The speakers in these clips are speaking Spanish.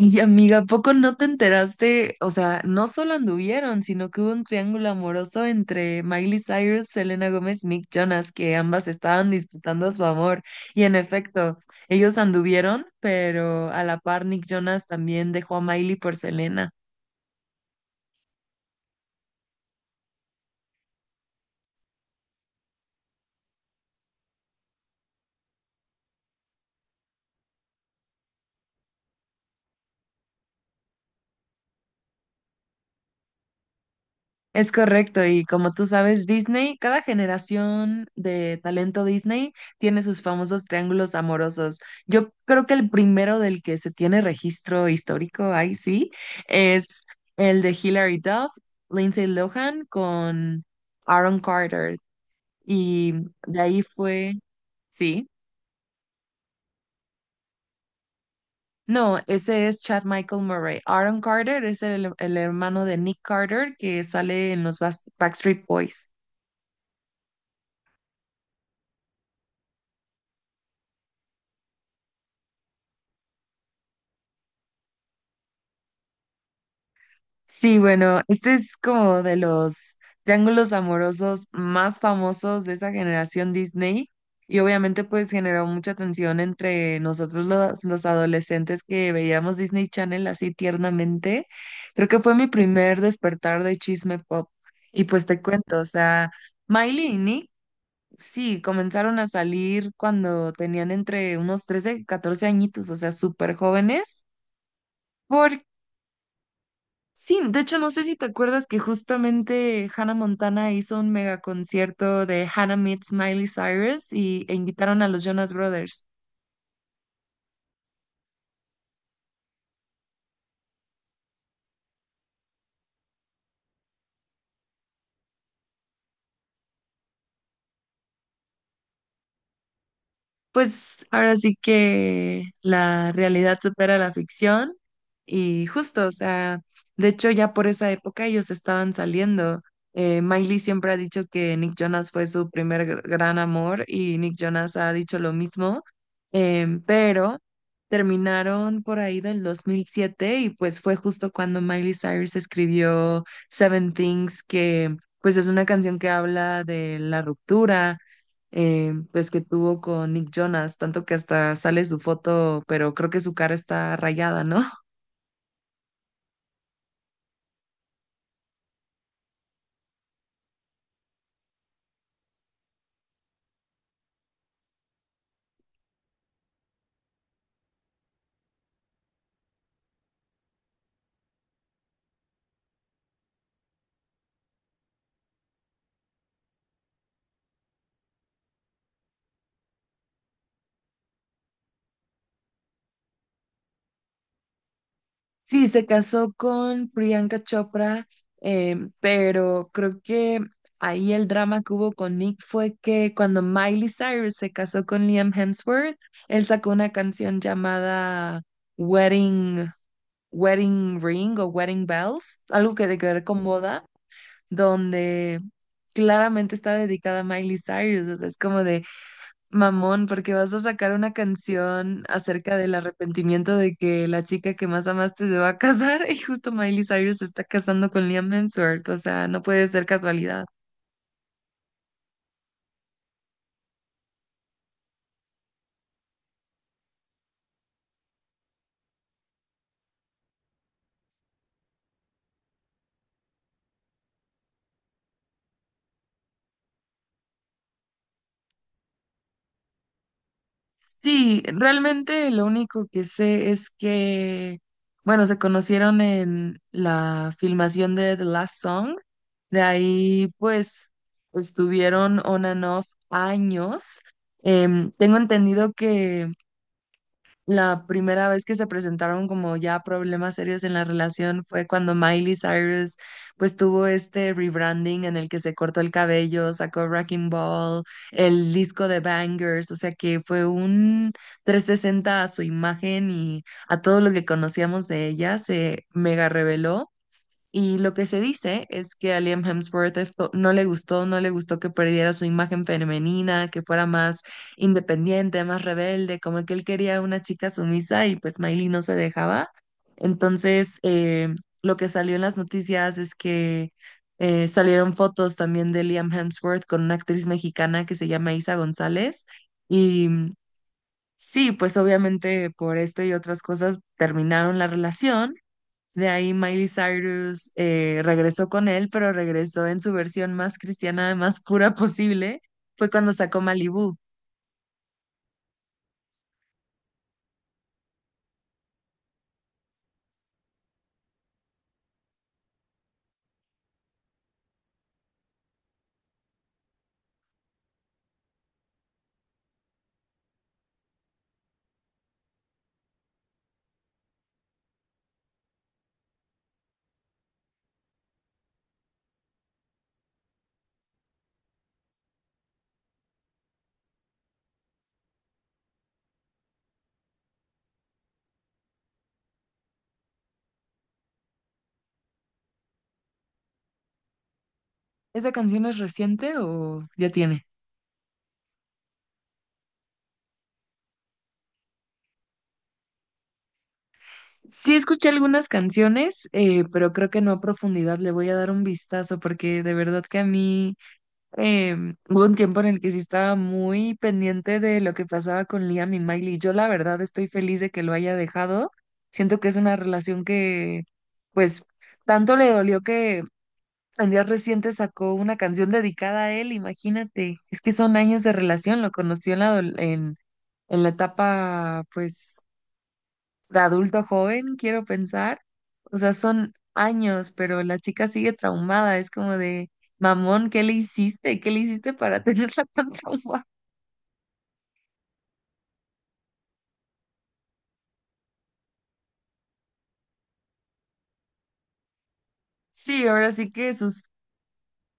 Y amiga, ¿a poco no te enteraste? O sea, no solo anduvieron, sino que hubo un triángulo amoroso entre Miley Cyrus, Selena Gómez, Nick Jonas, que ambas estaban disputando su amor. Y en efecto, ellos anduvieron, pero a la par Nick Jonas también dejó a Miley por Selena. Es correcto, y como tú sabes, Disney, cada generación de talento Disney tiene sus famosos triángulos amorosos. Yo creo que el primero del que se tiene registro histórico, ahí sí, es el de Hilary Duff, Lindsay Lohan con Aaron Carter. Y de ahí fue, sí, no, ese es Chad Michael Murray. Aaron Carter es el hermano de Nick Carter que sale en los Backstreet Boys. Sí, bueno, este es como de los triángulos amorosos más famosos de esa generación Disney y obviamente pues generó mucha tensión entre nosotros los adolescentes que veíamos Disney Channel así tiernamente. Creo que fue mi primer despertar de chisme pop y pues te cuento, o sea, Miley y Nick, sí, comenzaron a salir cuando tenían entre unos 13, y 14 añitos, o sea, súper jóvenes. Sí, de hecho no sé si te acuerdas que justamente Hannah Montana hizo un mega concierto de Hannah Meets Miley Cyrus e invitaron a los Jonas Brothers. Pues ahora sí que la realidad supera la ficción y justo, o sea, de hecho ya por esa época ellos estaban saliendo. Miley siempre ha dicho que Nick Jonas fue su primer gran amor y Nick Jonas ha dicho lo mismo, pero terminaron por ahí del 2007 y pues fue justo cuando Miley Cyrus escribió Seven Things, que pues es una canción que habla de la ruptura pues que tuvo con Nick Jonas, tanto que hasta sale su foto, pero creo que su cara está rayada, ¿no? Sí, se casó con Priyanka Chopra, pero creo que ahí el drama que hubo con Nick fue que cuando Miley Cyrus se casó con Liam Hemsworth, él sacó una canción llamada Wedding, Wedding Ring o Wedding Bells, algo que tiene que ver con boda, donde claramente está dedicada a Miley Cyrus, o sea, es como de mamón, porque vas a sacar una canción acerca del arrepentimiento de que la chica que más amaste se va a casar y justo Miley Cyrus se está casando con Liam Hemsworth, o sea, no puede ser casualidad. Sí, realmente lo único que sé es que, bueno, se conocieron en la filmación de The Last Song, de ahí pues estuvieron on and off años. Tengo entendido que la primera vez que se presentaron como ya problemas serios en la relación fue cuando Miley Cyrus pues tuvo este rebranding en el que se cortó el cabello, sacó Wrecking Ball, el disco de Bangers, o sea que fue un 360 a su imagen y a todo lo que conocíamos de ella se mega reveló y lo que se dice es que a Liam Hemsworth esto no le gustó, no le gustó que perdiera su imagen femenina, que fuera más independiente, más rebelde, como que él quería una chica sumisa y pues Miley no se dejaba. Entonces, lo que salió en las noticias es que salieron fotos también de Liam Hemsworth con una actriz mexicana que se llama Isa González. Y mm, sí, pues obviamente por esto y otras cosas terminaron la relación. De ahí Miley Cyrus regresó con él, pero regresó en su versión más cristiana, más pura posible. Fue cuando sacó Malibu. ¿Esa canción es reciente o ya tiene? Sí escuché algunas canciones, pero creo que no a profundidad. Le voy a dar un vistazo porque de verdad que a mí eh, hubo un tiempo en el que sí estaba muy pendiente de lo que pasaba con Liam y Miley. Yo la verdad estoy feliz de que lo haya dejado. Siento que es una relación que, pues, tanto le dolió que en días recientes sacó una canción dedicada a él, imagínate. Es que son años de relación, lo conoció en la, en la etapa, pues, de adulto joven, quiero pensar. O sea, son años, pero la chica sigue traumada. Es como de, mamón, ¿qué le hiciste? ¿Qué le hiciste para tenerla tan traumada? Sí, ahora sí que sus,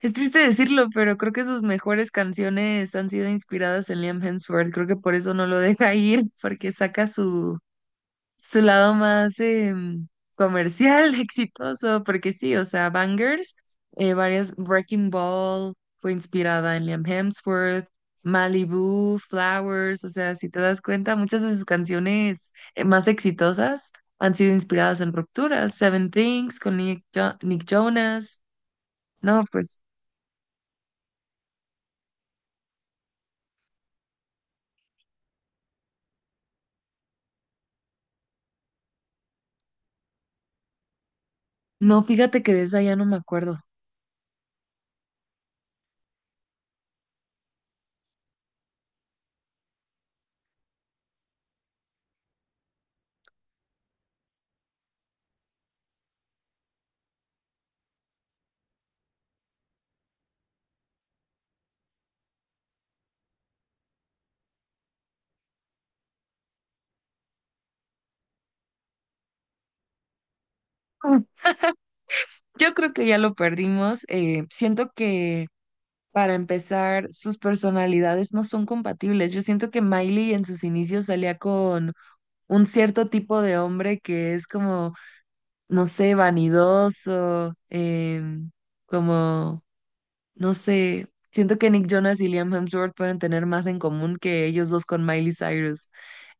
es triste decirlo, pero creo que sus mejores canciones han sido inspiradas en Liam Hemsworth. Creo que por eso no lo deja ir, porque saca su lado más comercial, exitoso, porque sí, o sea, Bangers, varias, Wrecking Ball fue inspirada en Liam Hemsworth, Malibu, Flowers, o sea, si te das cuenta, muchas de sus canciones más exitosas han sido inspiradas en rupturas, Seven Things con Nick, Nick Jonas, no, pues, no, fíjate que de esa ya no me acuerdo. Mm. Yo creo que ya lo perdimos. Siento que para empezar, sus personalidades no son compatibles. Yo siento que Miley en sus inicios salía con un cierto tipo de hombre que es como, no sé, vanidoso, em, como, no sé, siento que Nick Jonas y Liam Hemsworth pueden tener más en común que ellos dos con Miley Cyrus.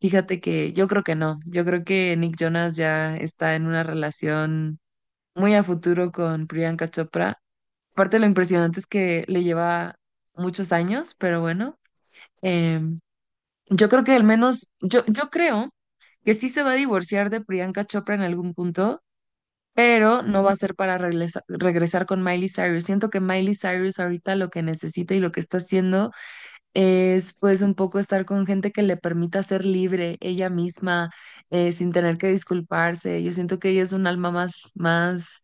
Fíjate que yo creo que no, yo creo que Nick Jonas ya está en una relación muy a futuro con Priyanka Chopra. Aparte, lo impresionante es que le lleva muchos años, pero bueno, em, yo creo que al menos, yo creo que sí se va a divorciar de Priyanka Chopra en algún punto, pero no va a ser para regresar con Miley Cyrus. Siento que Miley Cyrus ahorita lo que necesita y lo que está haciendo es pues un poco estar con gente que le permita ser libre ella misma, sin tener que disculparse. Yo siento que ella es un alma más, más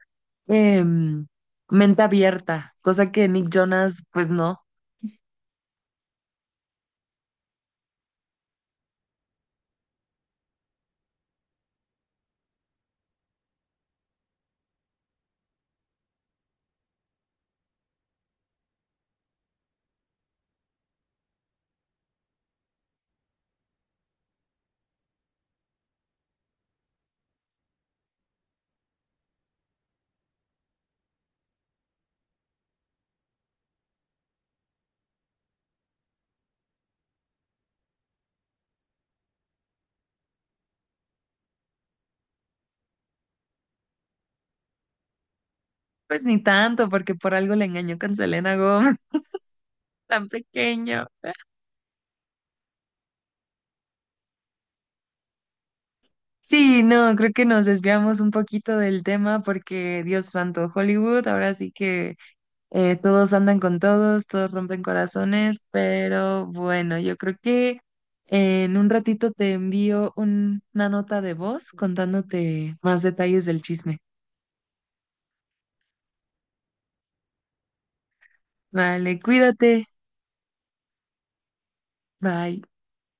em, mente abierta, cosa que Nick Jonas pues no, pues ni tanto, porque por algo le engañó con Selena Gómez, tan pequeño. Sí, no, creo que nos desviamos un poquito del tema porque Dios santo, Hollywood, ahora sí que todos andan con todos, todos rompen corazones, pero bueno, yo creo que en un ratito te envío una nota de voz contándote más detalles del chisme. Vale, cuídate. Bye.